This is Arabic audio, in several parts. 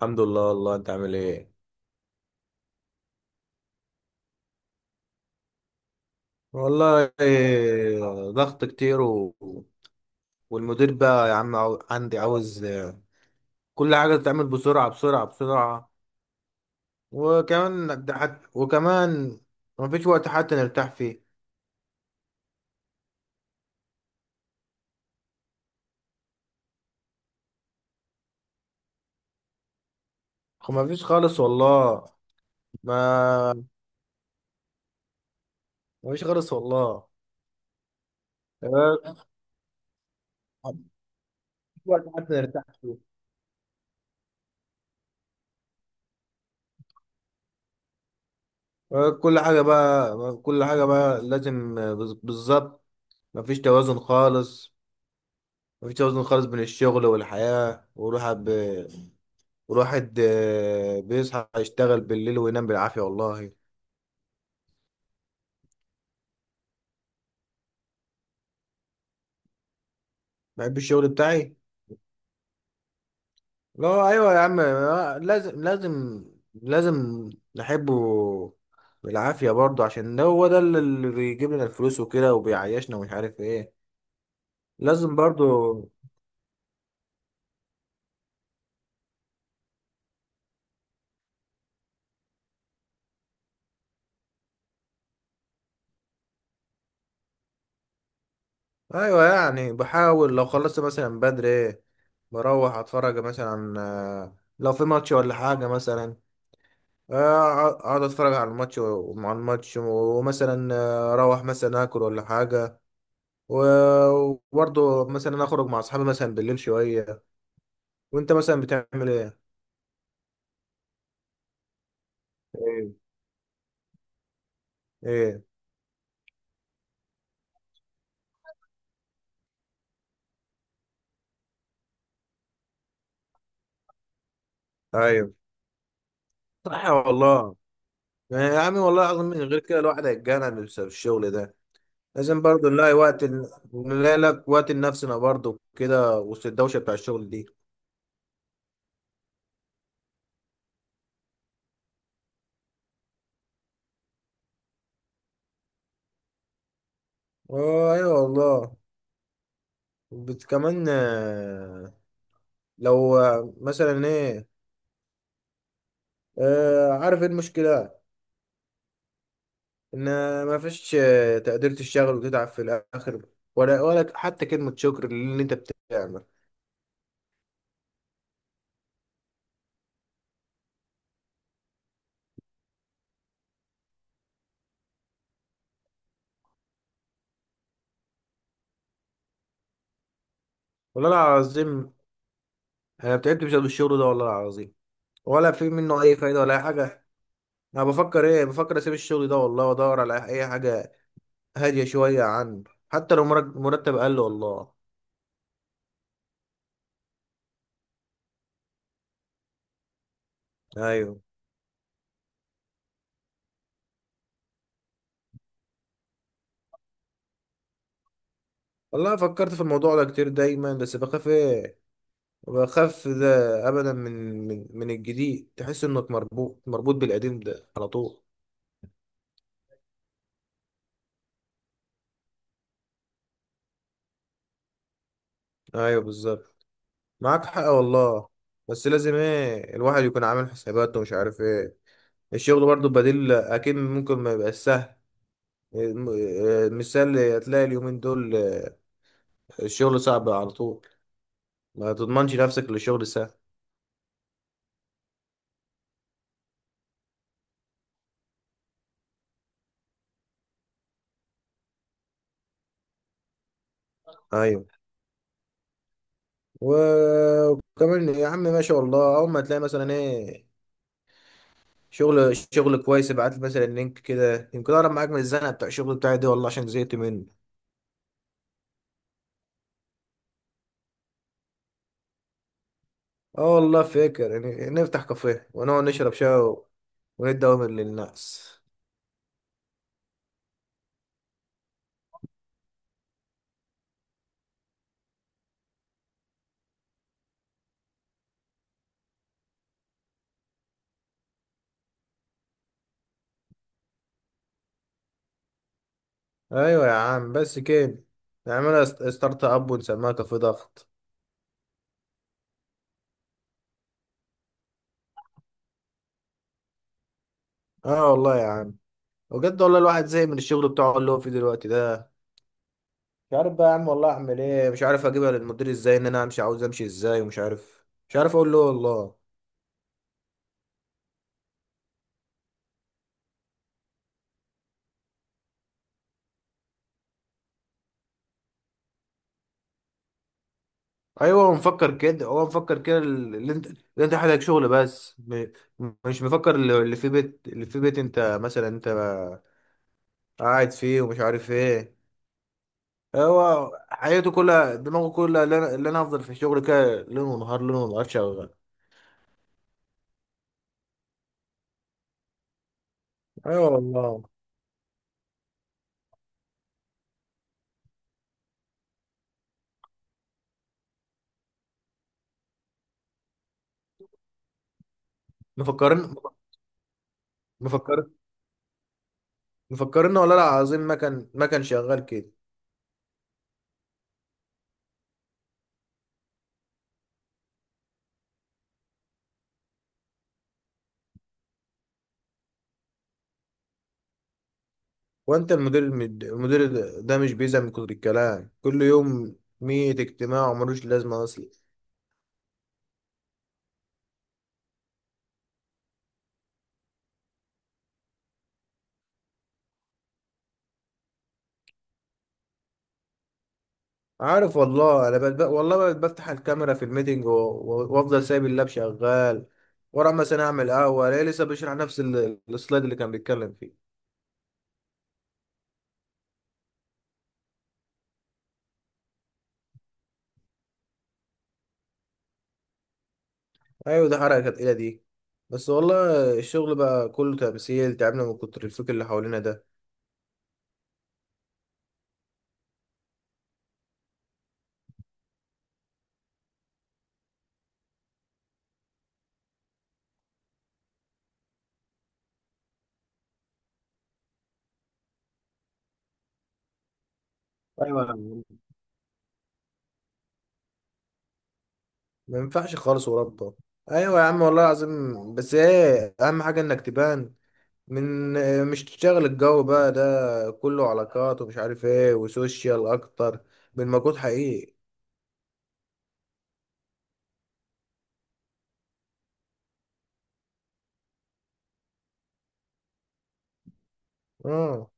الحمد لله، والله انت عامل ايه؟ والله إيه، ضغط كتير. والمدير بقى يا عم، عندي عاوز، كل حاجة تتعمل بسرعة بسرعة بسرعة. وكمان مفيش وقت حتى نرتاح فيه. مفيش خالص والله. ما مفيش خالص والله. آه، مفيش وقت حتى نرتاح فيه. كل حاجة بقى لازم، بالظبط. مفيش توازن خالص. مفيش توازن خالص بين الشغل والحياة. والواحد بيصحى يشتغل بالليل وينام بالعافية والله. بحب الشغل بتاعي. لا، أيوة يا عم، لازم نحبه بالعافية برضه، عشان ده هو ده اللي بيجيب لنا الفلوس وكده وبيعيشنا ومش عارف ايه. لازم برضه. أيوة، يعني بحاول لو خلصت مثلا بدري، بروح أتفرج مثلا، لو في ماتش ولا حاجة مثلا، اقعد اتفرج على الماتش ومع الماتش، ومثلا اروح مثلا اكل ولا حاجه، و- وبرضه مثلا اخرج مع اصحابي مثلا بالليل شويه. وانت مثلا بتعمل ايه؟ ايه؟ ايه؟ ايوه، صح والله. يا عمي، والله العظيم من غير كده الواحد هيتجنن بسبب الشغل ده. لازم برضه نلاقي وقت، نلاقي لك وقت لنفسنا برضه كده وسط الدوشه بتاع الشغل دي. ايوه والله. كمان، لو، مثلا ايه، عارف ايه المشكلة؟ ان ما فيش تقدير. تشتغل وتتعب في الاخر، ولا حتى كلمة شكر للي انت بتعمل. والله العظيم، انا تعبت بسبب الشغل ده والله العظيم، ولا في منه اي فايدة ولا اي حاجة. انا بفكر ايه، بفكر اسيب الشغل ده والله وادور على اي حاجة هادية شوية عنه، حتى لو مرتب اقل والله. ايوه والله، فكرت في الموضوع ده كتير دايما، بس بخاف ايه، بخاف ده ابدا، من الجديد، تحس انك مربوط مربوط بالقديم ده على طول. ايوه بالظبط، معاك حق والله. بس لازم ايه الواحد يكون عامل حساباته ومش عارف ايه. الشغل برضه بديل اكيد ممكن ما يبقاش سهل. المثال هتلاقي اليومين دول، الشغل صعب على طول. ما تضمنش نفسك للشغل سهل. ايوه. وكمان يا عم، ما شاء الله، اول ما تلاقي مثلا ايه، شغل شغل كويس، ابعت لي مثلا لينك كده، يمكن اقرب معاك من الزنقه بتاع الشغل بتاعي دي والله، عشان زهقت منه. اه والله فاكر، يعني نفتح كافيه ونقعد نشرب شاي، وايه الدوامر للناس. ايوه يا عم، بس كده، نعملها ستارت اب ونسميها كافي ضغط. اه والله يا عم، بجد والله الواحد زهق من الشغل بتاعه اللي هو فيه دلوقتي ده. مش عارف بقى يا عم والله اعمل ايه، مش عارف اجيبها للمدير ازاي، ان انا امشي، عاوز امشي ازاي، ومش عارف مش عارف اقول له والله. ايوه، هو مفكر كده، اللي انت حاجه شغل بس، مش مفكر اللي في بيت، اللي في بيت انت مثلا، انت قاعد فيه ومش عارف ايه. هو حياته كلها دماغه كلها، اللي أنا افضل في الشغل كده ليل ونهار ليل ونهار شغال. ايوه والله. مفكرين. مفكر. مفكرين والله العظيم، ما كان شغال كده. وانت المدير، المدير ده مش بيزهق من كتر الكلام كل يوم؟ مية اجتماع وملوش لازمه اصلا. عارف والله، انا بقى والله بقى بفتح الكاميرا في الميتنج وافضل سايب اللاب شغال ورا، مثلا اعمل قهوه الاقيه لسه بيشرح نفس السلايد اللي كان بيتكلم فيه. ايوه، ده حركه تقيله دي، بس والله الشغل بقى كله تمثيل، تعبنا من كتر الفكر اللي حوالينا ده. ايوه يا عم. ما ينفعش خالص وربه. ايوه يا عم، والله العظيم، بس ايه اهم حاجه انك تبان، من مش تشتغل. الجو بقى ده كله علاقات ومش عارف ايه وسوشيال، اكتر من مجهود حقيقي. اه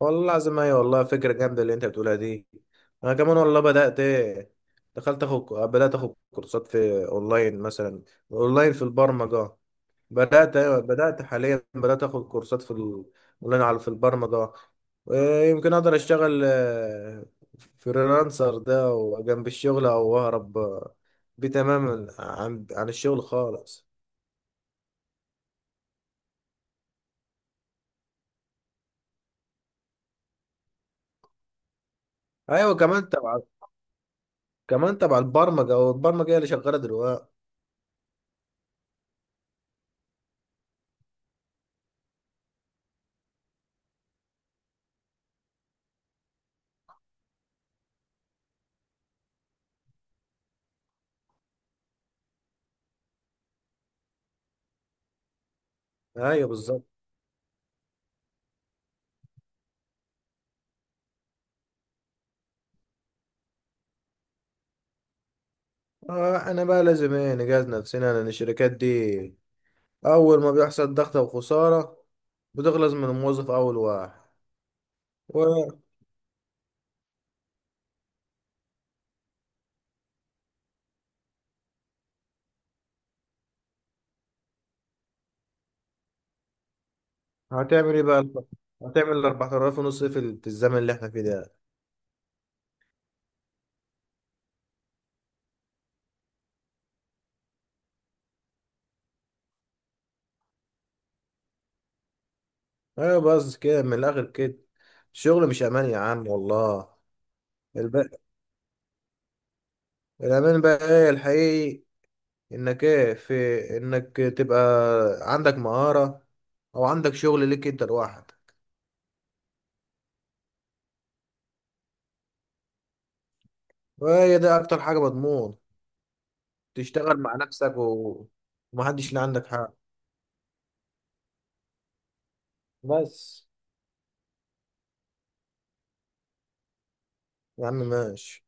والله العظيم. ايوه والله فكره جامده اللي انت بتقولها دي، انا كمان والله بدات ايه، دخلت اخد بدات اخد كورسات في اونلاين مثلا، اونلاين في البرمجه. أيوة بدأت حاليا آخد كورسات في أونلاين في البرمجة. يمكن أقدر أشتغل فريلانسر ده وجنب الشغل، أو أهرب بيه تماما عن الشغل خالص. أيوة، كمان تبع البرمجة، والبرمجة هي اللي شغالة دلوقتي. أيوة بالظبط. أنا بقى لازم إيه نجهز نفسنا، لأن الشركات دي أول ما بيحصل ضغط أو خسارة بتغلظ من الموظف أول واحد. هتعمل ايه بقى؟ هتعمل ال 4000 ونص إيه في الزمن اللي احنا فيه ده؟ ايوه، بس كده، من الاخر كده الشغل مش امان يا عم والله. الب... الامان بقى ايه الحقيقي؟ انك ايه في انك تبقى عندك مهارة، او عندك شغل ليك انت لوحدك، وهي ده اكتر حاجة مضمون، تشتغل مع نفسك، ومحدش اللي عندك حق. بس يا عم، ماشي.